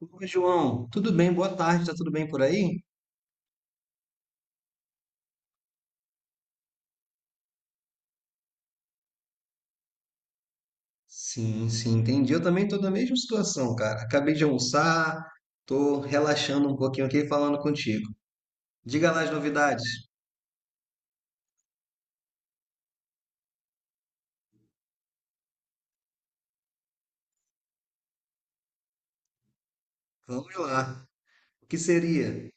Oi, João, tudo bem? Boa tarde, tá tudo bem por aí? Sim, sim, entendi. Eu também tô na mesma situação, cara. Acabei de almoçar, tô relaxando um pouquinho aqui e falando contigo. Diga lá as novidades. Vamos lá. O que seria?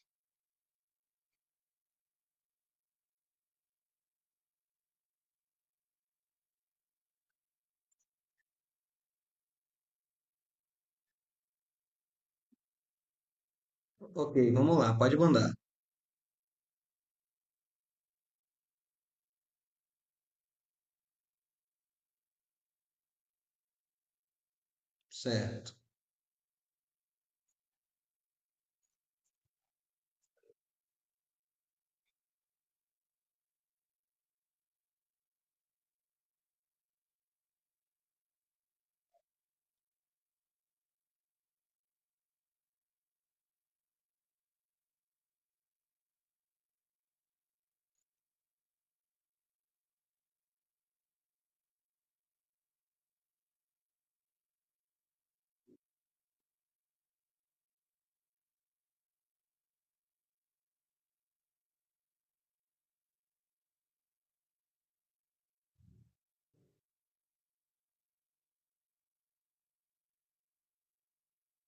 Ok, vamos lá, pode mandar. Certo.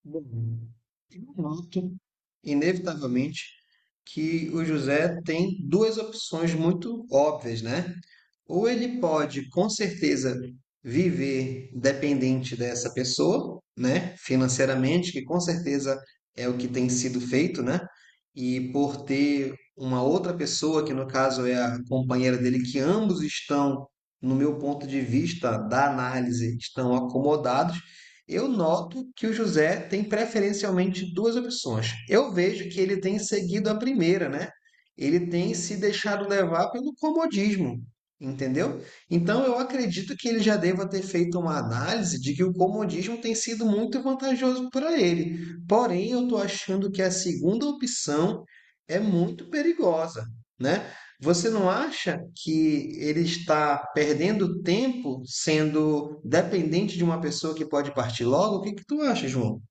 Bom, eu noto, inevitavelmente, que o José tem duas opções muito óbvias, né? Ou ele pode, com certeza, viver dependente dessa pessoa, né? Financeiramente, que com certeza é o que tem sido feito, né? E por ter uma outra pessoa, que no caso é a companheira dele, que ambos estão, no meu ponto de vista da análise, estão acomodados, eu noto que o José tem preferencialmente duas opções. Eu vejo que ele tem seguido a primeira, né? Ele tem se deixado levar pelo comodismo, entendeu? Então eu acredito que ele já deva ter feito uma análise de que o comodismo tem sido muito vantajoso para ele. Porém, eu estou achando que a segunda opção é muito perigosa, né? Você não acha que ele está perdendo tempo sendo dependente de uma pessoa que pode partir logo? O que que tu acha, João?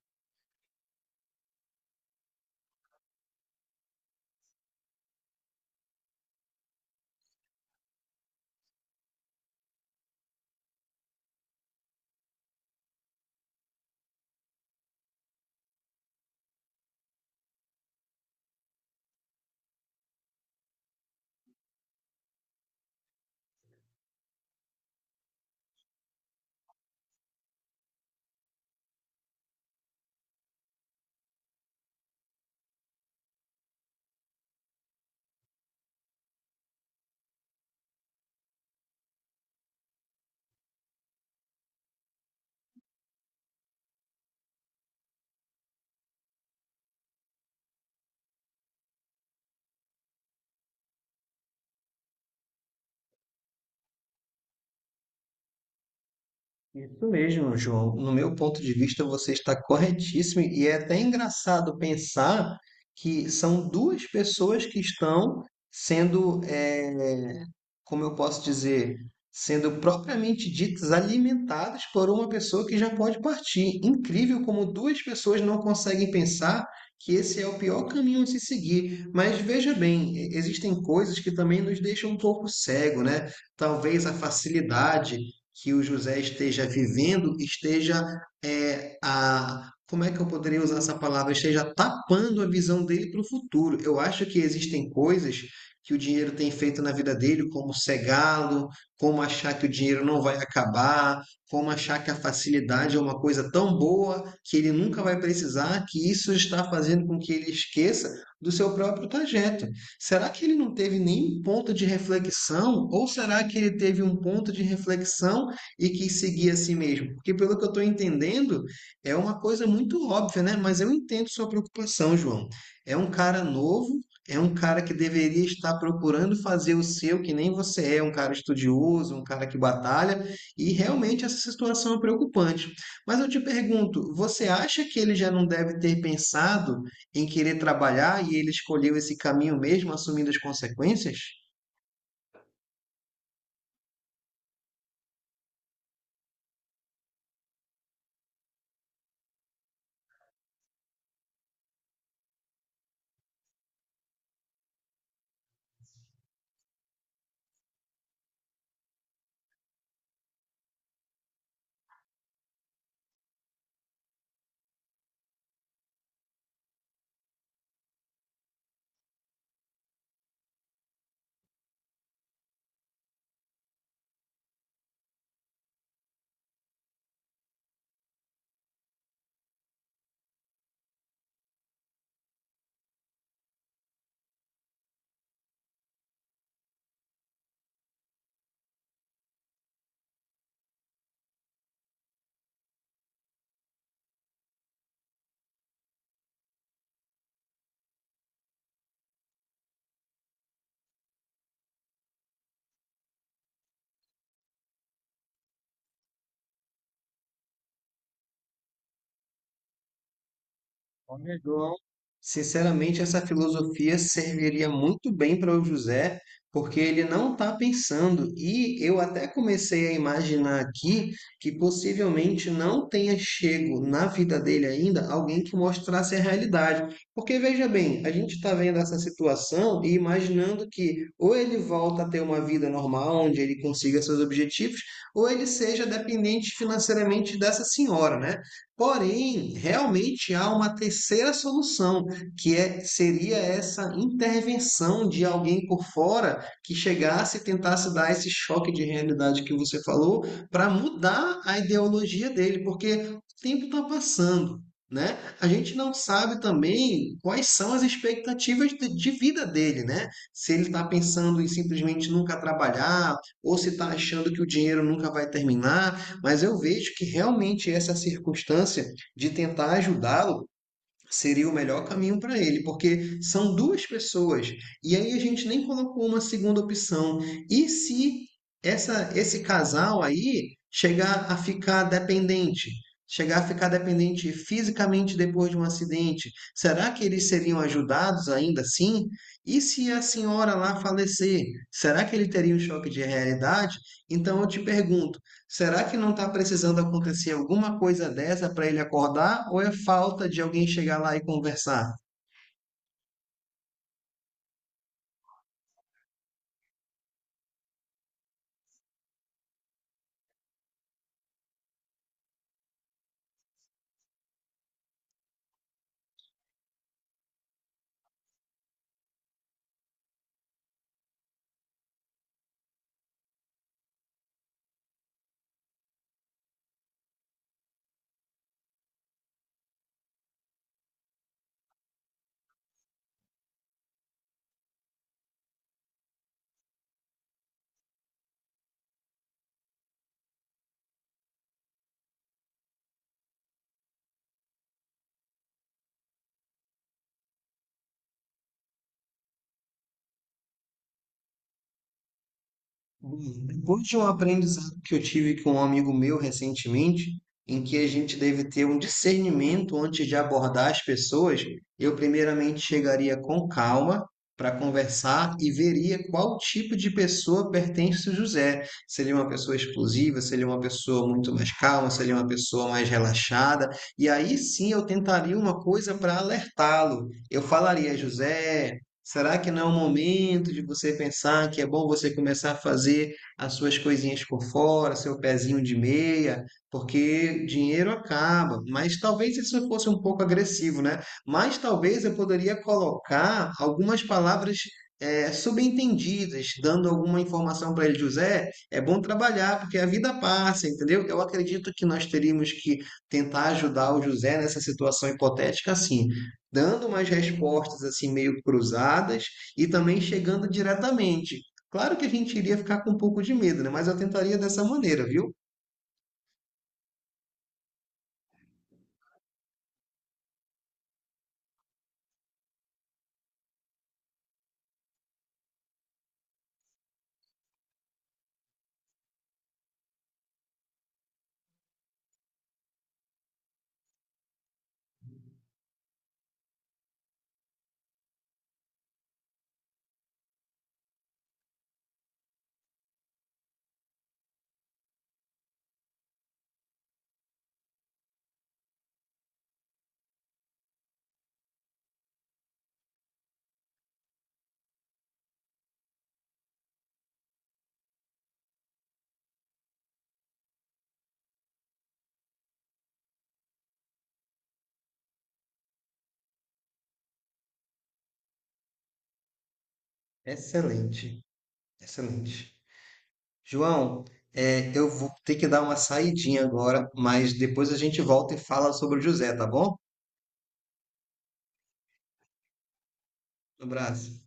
Isso mesmo, João. No meu ponto de vista, você está corretíssimo e é até engraçado pensar que são duas pessoas que estão sendo como eu posso dizer, sendo propriamente ditas alimentadas por uma pessoa que já pode partir. Incrível como duas pessoas não conseguem pensar que esse é o pior caminho a se seguir. Mas veja bem, existem coisas que também nos deixam um pouco cego, né? Talvez a facilidade que o José esteja vivendo esteja é, a como é que eu poderia usar essa palavra? Esteja tapando a visão dele para o futuro. Eu acho que existem coisas que o dinheiro tem feito na vida dele, como cegá-lo, como achar que o dinheiro não vai acabar, como achar que a facilidade é uma coisa tão boa que ele nunca vai precisar, que isso está fazendo com que ele esqueça do seu próprio trajeto. Será que ele não teve nenhum ponto de reflexão? Ou será que ele teve um ponto de reflexão e quis seguir a si mesmo? Porque, pelo que eu estou entendendo, é uma coisa muito óbvia, né? Mas eu entendo sua preocupação, João. É um cara novo, é um cara que deveria estar procurando fazer o seu, que nem você é, um cara estudioso, um cara que batalha, e realmente essa situação é preocupante. Mas eu te pergunto, você acha que ele já não deve ter pensado em querer trabalhar e ele escolheu esse caminho mesmo, assumindo as consequências? Amigão, sinceramente, essa filosofia serviria muito bem para o José, porque ele não está pensando. E eu até comecei a imaginar aqui que possivelmente não tenha chego na vida dele ainda alguém que mostrasse a realidade. Porque veja bem, a gente está vendo essa situação e imaginando que ou ele volta a ter uma vida normal, onde ele consiga seus objetivos, ou ele seja dependente financeiramente dessa senhora, né? Porém, realmente há uma terceira solução, que é, seria essa intervenção de alguém por fora que chegasse e tentasse dar esse choque de realidade que você falou para mudar a ideologia dele, porque o tempo está passando. Né? A gente não sabe também quais são as expectativas de vida dele, né? Se ele está pensando em simplesmente nunca trabalhar, ou se está achando que o dinheiro nunca vai terminar, mas eu vejo que realmente essa circunstância de tentar ajudá-lo seria o melhor caminho para ele, porque são duas pessoas e aí a gente nem colocou uma segunda opção. E se essa, esse casal aí chegar a ficar dependente? Chegar a ficar dependente fisicamente depois de um acidente, será que eles seriam ajudados ainda assim? E se a senhora lá falecer, será que ele teria um choque de realidade? Então eu te pergunto. Será que não está precisando acontecer alguma coisa dessa para ele acordar? Ou é falta de alguém chegar lá e conversar? Bom, depois de um aprendizado que eu tive com um amigo meu recentemente, em que a gente deve ter um discernimento antes de abordar as pessoas, eu primeiramente chegaria com calma para conversar e veria qual tipo de pessoa pertence o José. Se ele é uma pessoa explosiva, se ele é uma pessoa muito mais calma, se ele é uma pessoa mais relaxada. E aí sim eu tentaria uma coisa para alertá-lo. Eu falaria, José. Será que não é o momento de você pensar que é bom você começar a fazer as suas coisinhas por fora, seu pezinho de meia, porque dinheiro acaba? Mas talvez isso fosse um pouco agressivo, né? Mas talvez eu poderia colocar algumas palavras subentendidas, dando alguma informação para ele, José, é bom trabalhar, porque a vida passa, entendeu? Eu acredito que nós teríamos que tentar ajudar o José nessa situação hipotética assim, dando umas respostas assim meio cruzadas e também chegando diretamente. Claro que a gente iria ficar com um pouco de medo, né? Mas eu tentaria dessa maneira, viu? Excelente, excelente. João, é, eu vou ter que dar uma saidinha agora, mas depois a gente volta e fala sobre o José, tá bom? Um abraço.